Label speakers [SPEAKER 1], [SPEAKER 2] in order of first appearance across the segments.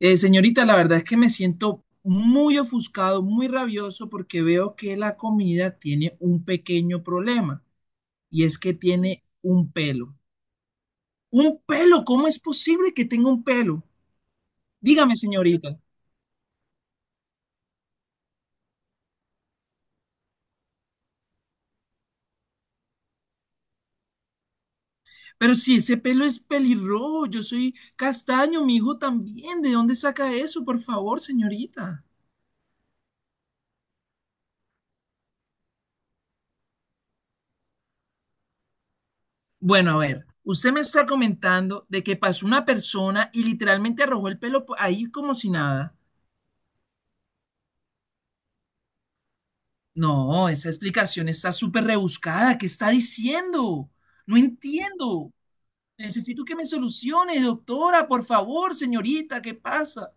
[SPEAKER 1] Señorita, la verdad es que me siento muy ofuscado, muy rabioso, porque veo que la comida tiene un pequeño problema, y es que tiene un pelo. ¿Un pelo? ¿Cómo es posible que tenga un pelo? Dígame, señorita. Pero si ese pelo es pelirrojo, yo soy castaño, mi hijo también. ¿De dónde saca eso, por favor, señorita? Bueno, a ver, usted me está comentando de que pasó una persona y literalmente arrojó el pelo ahí como si nada. No, esa explicación está súper rebuscada. ¿Qué está diciendo? No entiendo. Necesito que me solucione, doctora, por favor, señorita, ¿qué pasa?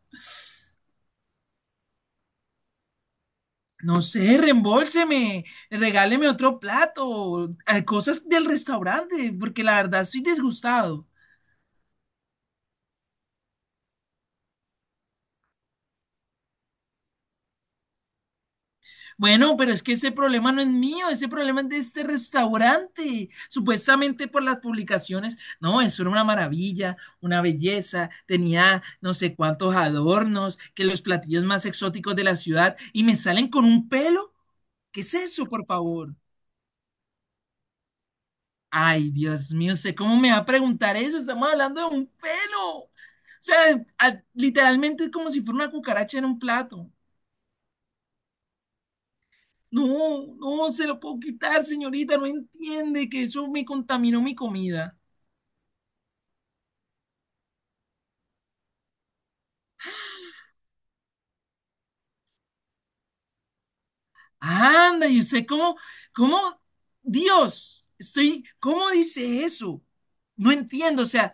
[SPEAKER 1] No sé, reembolseme, regáleme otro plato, cosas del restaurante, porque la verdad estoy disgustado. Bueno, pero es que ese problema no es mío, ese problema es de este restaurante. Supuestamente por las publicaciones, no, eso era una maravilla, una belleza, tenía no sé cuántos adornos, que los platillos más exóticos de la ciudad y me salen con un pelo. ¿Qué es eso, por favor? Ay, Dios mío, ¿usted cómo me va a preguntar eso? Estamos hablando de un pelo. O sea, literalmente es como si fuera una cucaracha en un plato. No, no se lo puedo quitar, señorita, no entiende que eso me contaminó mi comida. Anda, y usted cómo, Dios, estoy, ¿cómo dice eso? No entiendo, o sea,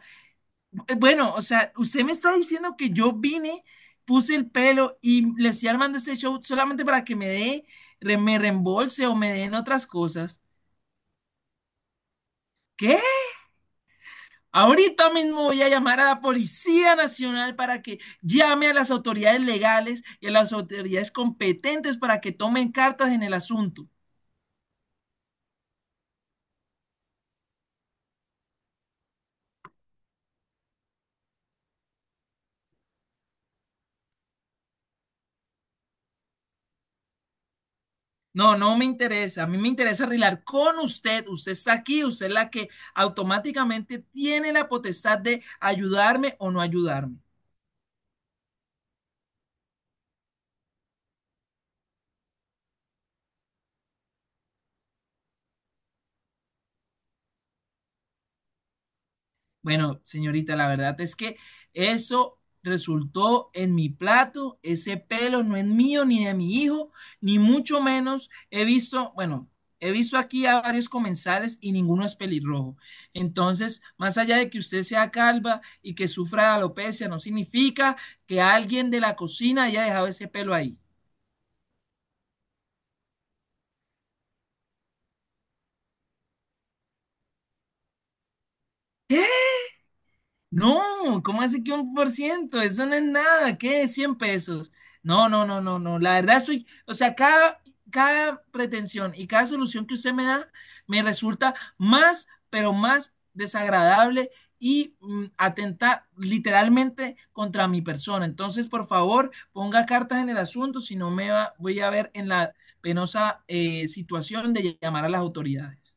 [SPEAKER 1] bueno, o sea, usted me está diciendo que yo vine, puse el pelo y le estoy armando este show solamente para que me dé, me reembolse o me den otras cosas. ¿Qué? Ahorita mismo voy a llamar a la Policía Nacional para que llame a las autoridades legales y a las autoridades competentes para que tomen cartas en el asunto. No, no me interesa. A mí me interesa arreglar con usted. Usted está aquí, usted es la que automáticamente tiene la potestad de ayudarme o no ayudarme. Bueno, señorita, la verdad es que eso resultó en mi plato, ese pelo no es mío ni de mi hijo, ni mucho menos he visto, bueno, he visto aquí a varios comensales y ninguno es pelirrojo. Entonces, más allá de que usted sea calva y que sufra de alopecia, no significa que alguien de la cocina haya dejado ese pelo ahí. No, ¿cómo así que 1%? Eso no es nada, ¿qué? 100 pesos. No, no, no, no, no. La verdad soy, o sea, cada pretensión y cada solución que usted me da me resulta más, pero más desagradable y atenta literalmente contra mi persona. Entonces, por favor, ponga cartas en el asunto, si no me voy a ver en la penosa situación de llamar a las autoridades.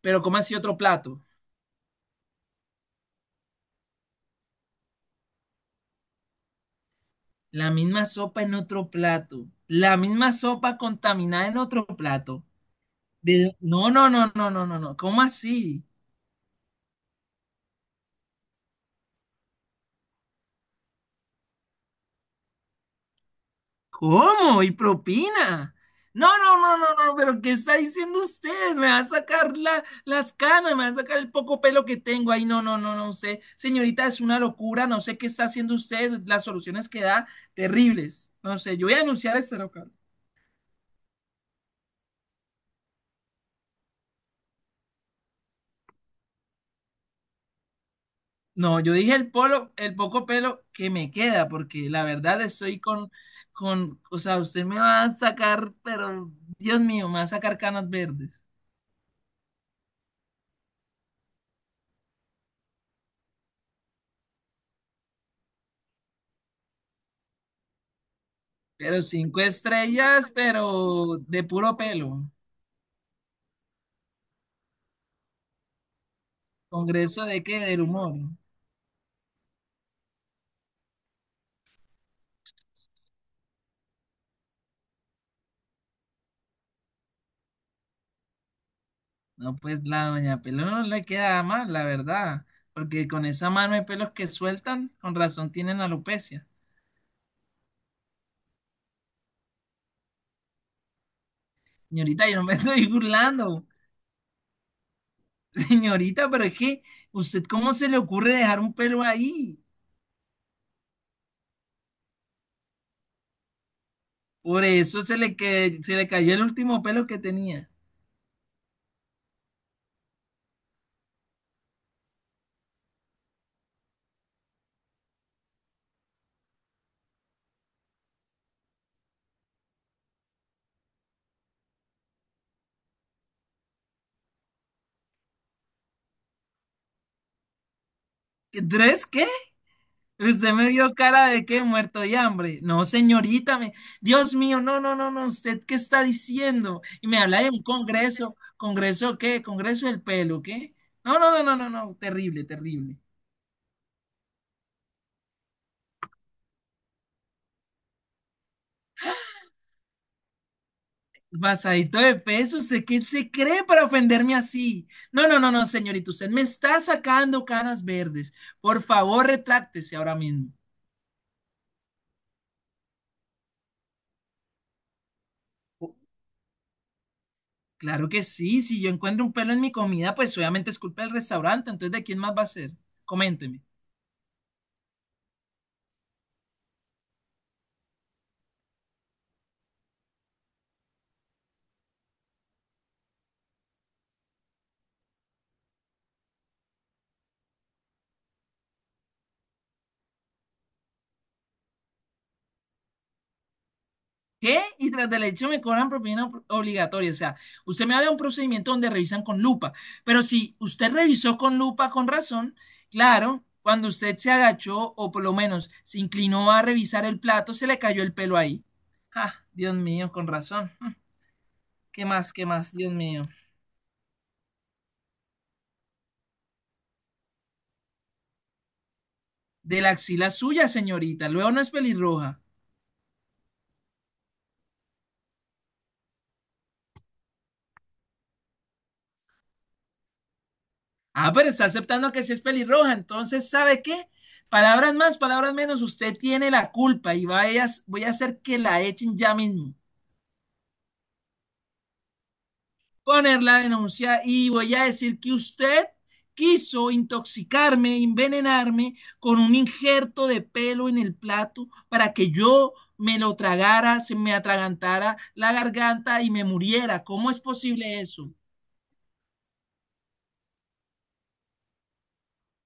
[SPEAKER 1] Pero, ¿cómo así otro plato? La misma sopa en otro plato. La misma sopa contaminada en otro plato. De- No, no, no, no, no, no, no. ¿Cómo así? ¿Cómo? ¿Y propina? No, no, no, no, no, pero ¿qué está diciendo usted? Me va a sacar la- las canas, me va a sacar el poco pelo que tengo. Ay, no, no, no, no, usted, señorita, es una locura, no sé qué está haciendo usted, las soluciones que da, terribles. No sé, yo voy a denunciar a este local. No, yo dije el poco pelo que me queda, porque la verdad estoy con, o sea, usted me va a sacar, pero Dios mío, me va a sacar canas verdes. Pero cinco estrellas, pero de puro pelo. ¿Congreso de qué? Del humor. No, pues la doña pelo no le queda mal, la verdad, porque con esa mano de pelos que sueltan, con razón tienen alopecia. Señorita, yo no me estoy burlando. Señorita, pero es que, ¿usted cómo se le ocurre dejar un pelo ahí? Por eso se le, que, se le cayó el último pelo que tenía. ¿Qué- ¿Tres qué? Usted me vio cara de qué, muerto de hambre. No, señorita, Dios mío, no, no, no, no, ¿usted qué está diciendo? Y me habla de un congreso, ¿congreso qué? ¿Congreso del pelo, qué? No, no, no, no, no, no, terrible, terrible. Pasadito de peso, ¿usted qué se cree para ofenderme así? No, no, no, no, señorita, usted me está sacando canas verdes. Por favor, retráctese ahora mismo. Claro que sí, si yo encuentro un pelo en mi comida, pues obviamente es culpa del restaurante, entonces ¿de quién más va a ser? Coménteme. ¿Qué? Y tras del hecho me cobran propina obligatoria. O sea, usted me habla de un procedimiento donde revisan con lupa, pero si usted revisó con lupa con razón, claro, cuando usted se agachó o por lo menos se inclinó a revisar el plato, se le cayó el pelo ahí. Ah, Dios mío, con razón. ¿Qué más? ¿Qué más? Dios mío. De la axila suya, señorita. Luego no es pelirroja. Ah, pero está aceptando que sí es pelirroja. Entonces, ¿sabe qué? Palabras más, palabras menos. Usted tiene la culpa y voy a hacer que la echen ya mismo. Poner la denuncia y voy a decir que usted quiso intoxicarme, envenenarme con un injerto de pelo en el plato para que yo me lo tragara, se me atragantara la garganta y me muriera. ¿Cómo es posible eso?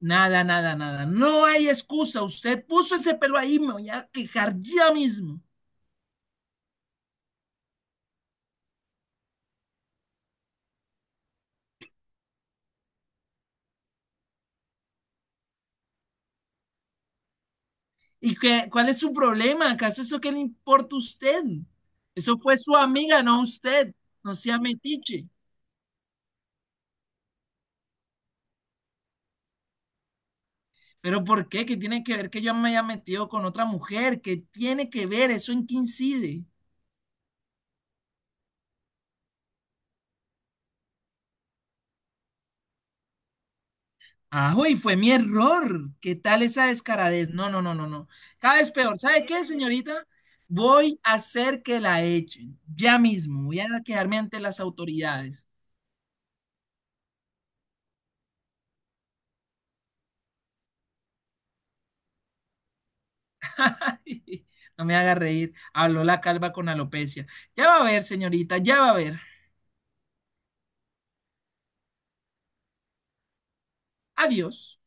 [SPEAKER 1] Nada, nada, nada. No hay excusa. Usted puso ese pelo ahí, me voy a quejar ya mismo. ¿Y qué, cuál es su problema? ¿Acaso eso qué le importa a usted? Eso fue su amiga, no usted. No sea metiche. ¿Pero por qué? ¿Qué tiene que ver que yo me haya metido con otra mujer? ¿Qué tiene que ver? ¿Eso en qué incide? Ah, y fue mi error. ¿Qué tal esa descaradez? No, no, no, no, no. Cada vez peor. ¿Sabe qué, señorita? Voy a hacer que la echen. Ya mismo. Voy a quejarme ante las autoridades. No me haga reír. Habló la calva con alopecia. Ya va a ver, señorita, ya va a ver. Adiós.